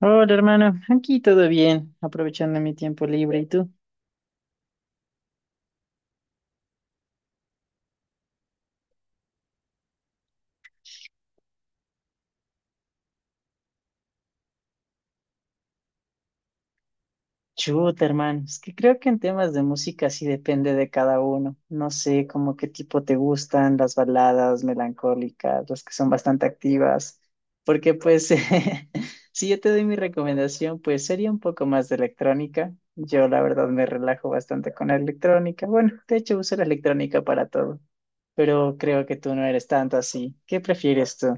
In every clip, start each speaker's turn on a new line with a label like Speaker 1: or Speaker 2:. Speaker 1: Hola, hermano. Aquí todo bien, aprovechando mi tiempo libre. ¿Y tú? Chuta, hermano. Es que creo que en temas de música sí depende de cada uno. No sé, como qué tipo te gustan, las baladas melancólicas, las que son bastante activas. Porque pues, si yo te doy mi recomendación, pues sería un poco más de electrónica. Yo la verdad me relajo bastante con la electrónica. Bueno, de hecho uso la electrónica para todo, pero creo que tú no eres tanto así. ¿Qué prefieres tú?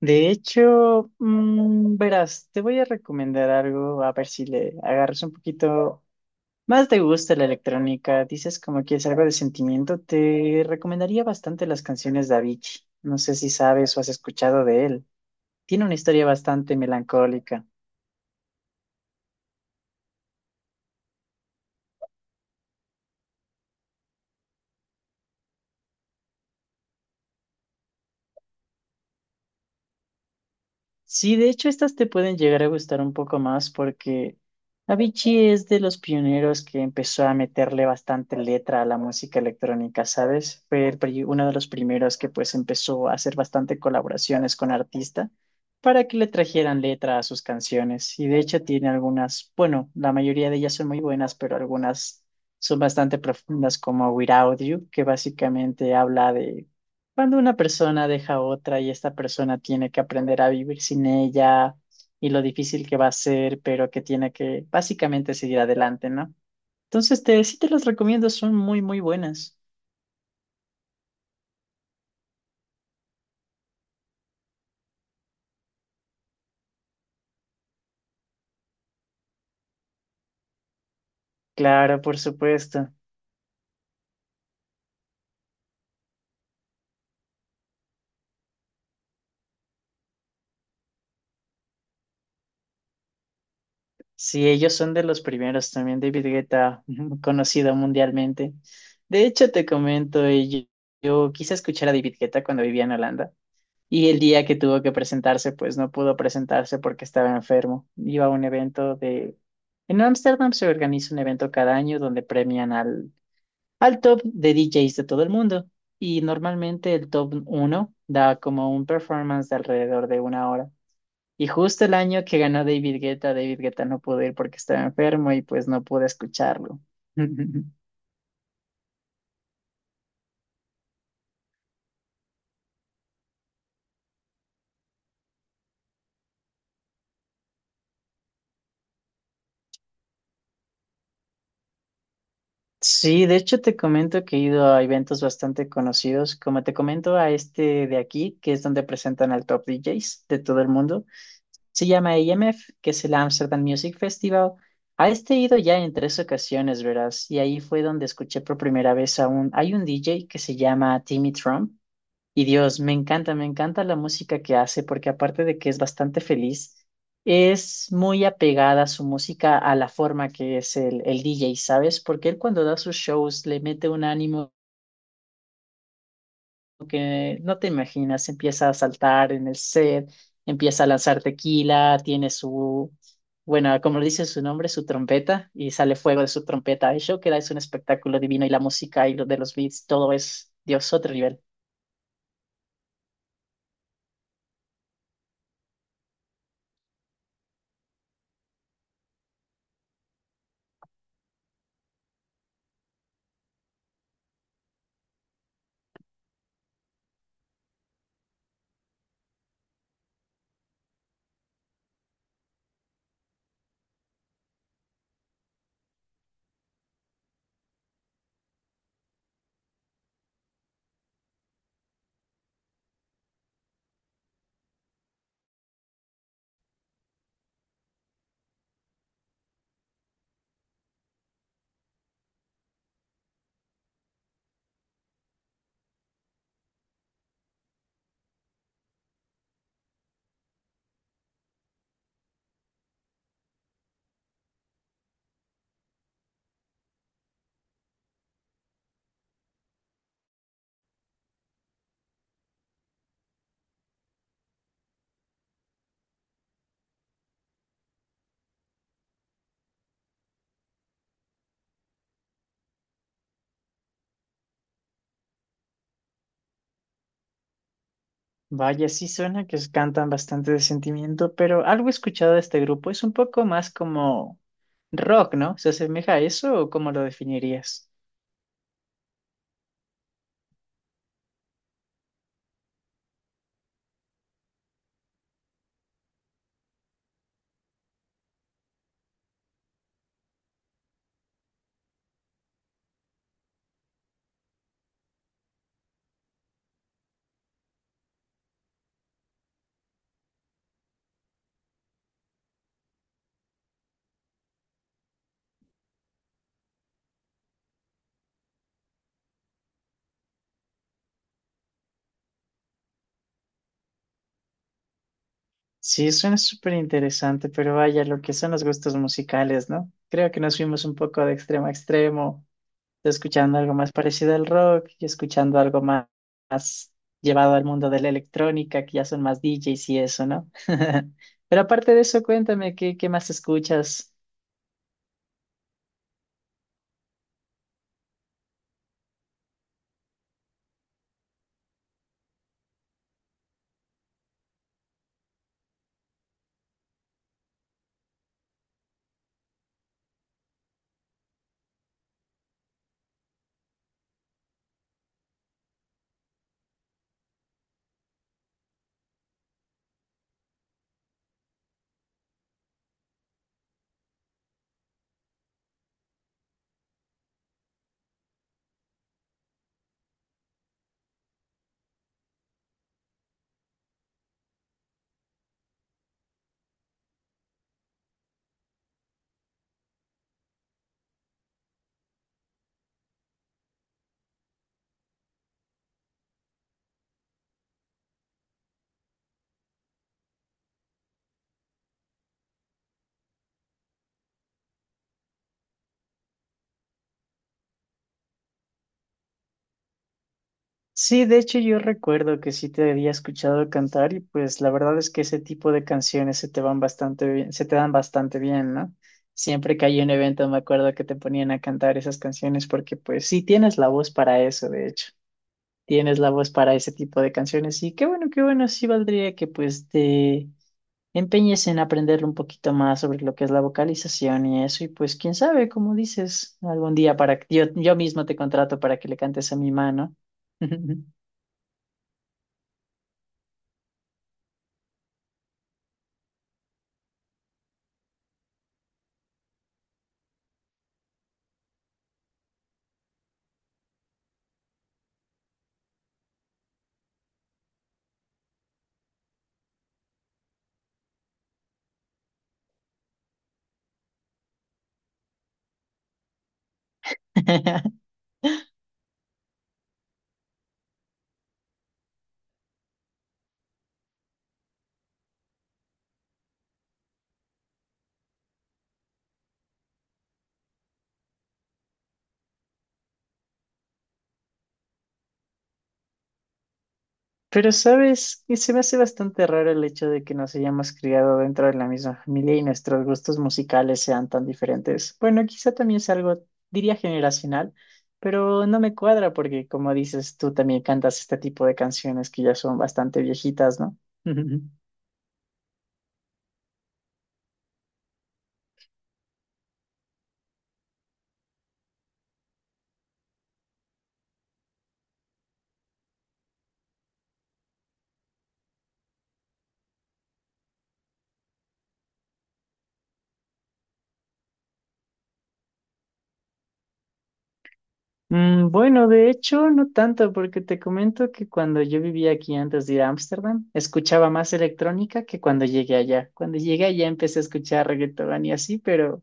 Speaker 1: De hecho, verás, te voy a recomendar algo, a ver si le agarras un poquito más de gusto a la electrónica. Dices como que es algo de sentimiento, te recomendaría bastante las canciones de Avicii. No sé si sabes o has escuchado de él. Tiene una historia bastante melancólica. Sí, de hecho, estas te pueden llegar a gustar un poco más porque Avicii es de los pioneros que empezó a meterle bastante letra a la música electrónica, ¿sabes? Uno de los primeros que pues empezó a hacer bastante colaboraciones con artistas para que le trajeran letra a sus canciones. Y de hecho tiene algunas, bueno, la mayoría de ellas son muy buenas, pero algunas son bastante profundas como Without You, que básicamente habla de cuando una persona deja a otra y esta persona tiene que aprender a vivir sin ella y lo difícil que va a ser, pero que tiene que básicamente seguir adelante, ¿no? Entonces, sí te los recomiendo, son muy, muy buenas. Claro, por supuesto. Sí, ellos son de los primeros también, David Guetta, conocido mundialmente. De hecho, te comento, yo quise escuchar a David Guetta cuando vivía en Holanda. Y el día que tuvo que presentarse, pues no pudo presentarse porque estaba enfermo. Iba a un evento de... En Ámsterdam se organiza un evento cada año donde premian al top de DJs de todo el mundo. Y normalmente el top uno da como un performance de alrededor de una hora. Y justo el año que ganó David Guetta, David Guetta no pudo ir porque estaba enfermo y pues no pude escucharlo. Sí, de hecho te comento que he ido a eventos bastante conocidos, como te comento a este de aquí, que es donde presentan al top DJs de todo el mundo. Se llama AMF, que es el Amsterdam Music Festival. A este he ido ya en tres ocasiones, verás, y ahí fue donde escuché por primera vez a un, hay un DJ que se llama Timmy Trump, y Dios, me encanta la música que hace, porque aparte de que es bastante feliz, es muy apegada su música a la forma que es el DJ, ¿sabes? Porque él cuando da sus shows le mete un ánimo que no te imaginas, empieza a saltar en el set, empieza a lanzar tequila, tiene su, bueno, como lo dice su nombre, su trompeta, y sale fuego de su trompeta. El show que da es un espectáculo divino y la música y lo de los beats, todo es, Dios, otro nivel. Vaya, sí suena que es- cantan bastante de sentimiento, pero algo he escuchado de este grupo es un poco más como rock, ¿no? ¿Se asemeja a eso o cómo lo definirías? Sí, suena súper interesante, pero vaya, lo que son los gustos musicales, ¿no? Creo que nos fuimos un poco de extremo a extremo, escuchando algo más parecido al rock y escuchando algo más, más llevado al mundo de la electrónica, que ya son más DJs y eso, ¿no? Pero aparte de eso, cuéntame, qué más escuchas? Sí, de hecho yo recuerdo que sí te había escuchado cantar y pues la verdad es que ese tipo de canciones se te van bastante bien, se te dan bastante bien, ¿no? Siempre que hay un evento me acuerdo que te ponían a cantar esas canciones porque pues sí tienes la voz para eso, de hecho. Tienes la voz para ese tipo de canciones y qué bueno, sí valdría que pues te empeñes en aprender un poquito más sobre lo que es la vocalización y eso y pues quién sabe, como dices, algún día para que yo mismo te contrato para que le cantes a mi mano. Pero sabes, y se me hace bastante raro el hecho de que nos hayamos criado dentro de la misma familia y nuestros gustos musicales sean tan diferentes. Bueno, quizá también es algo, diría generacional, pero no me cuadra porque, como dices, tú también cantas este tipo de canciones que ya son bastante viejitas, ¿no? Mm, bueno, de hecho, no tanto, porque te comento que cuando yo vivía aquí antes de ir a Ámsterdam, escuchaba más electrónica que cuando llegué allá. Cuando llegué allá empecé a escuchar reggaetón y así, pero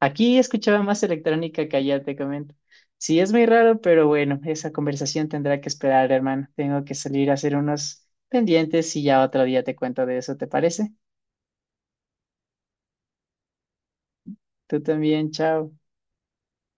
Speaker 1: aquí escuchaba más electrónica que allá, te comento. Sí, es muy raro, pero bueno, esa conversación tendrá que esperar, hermano. Tengo que salir a hacer unos pendientes y ya otro día te cuento de eso, ¿te parece? Tú también, chao.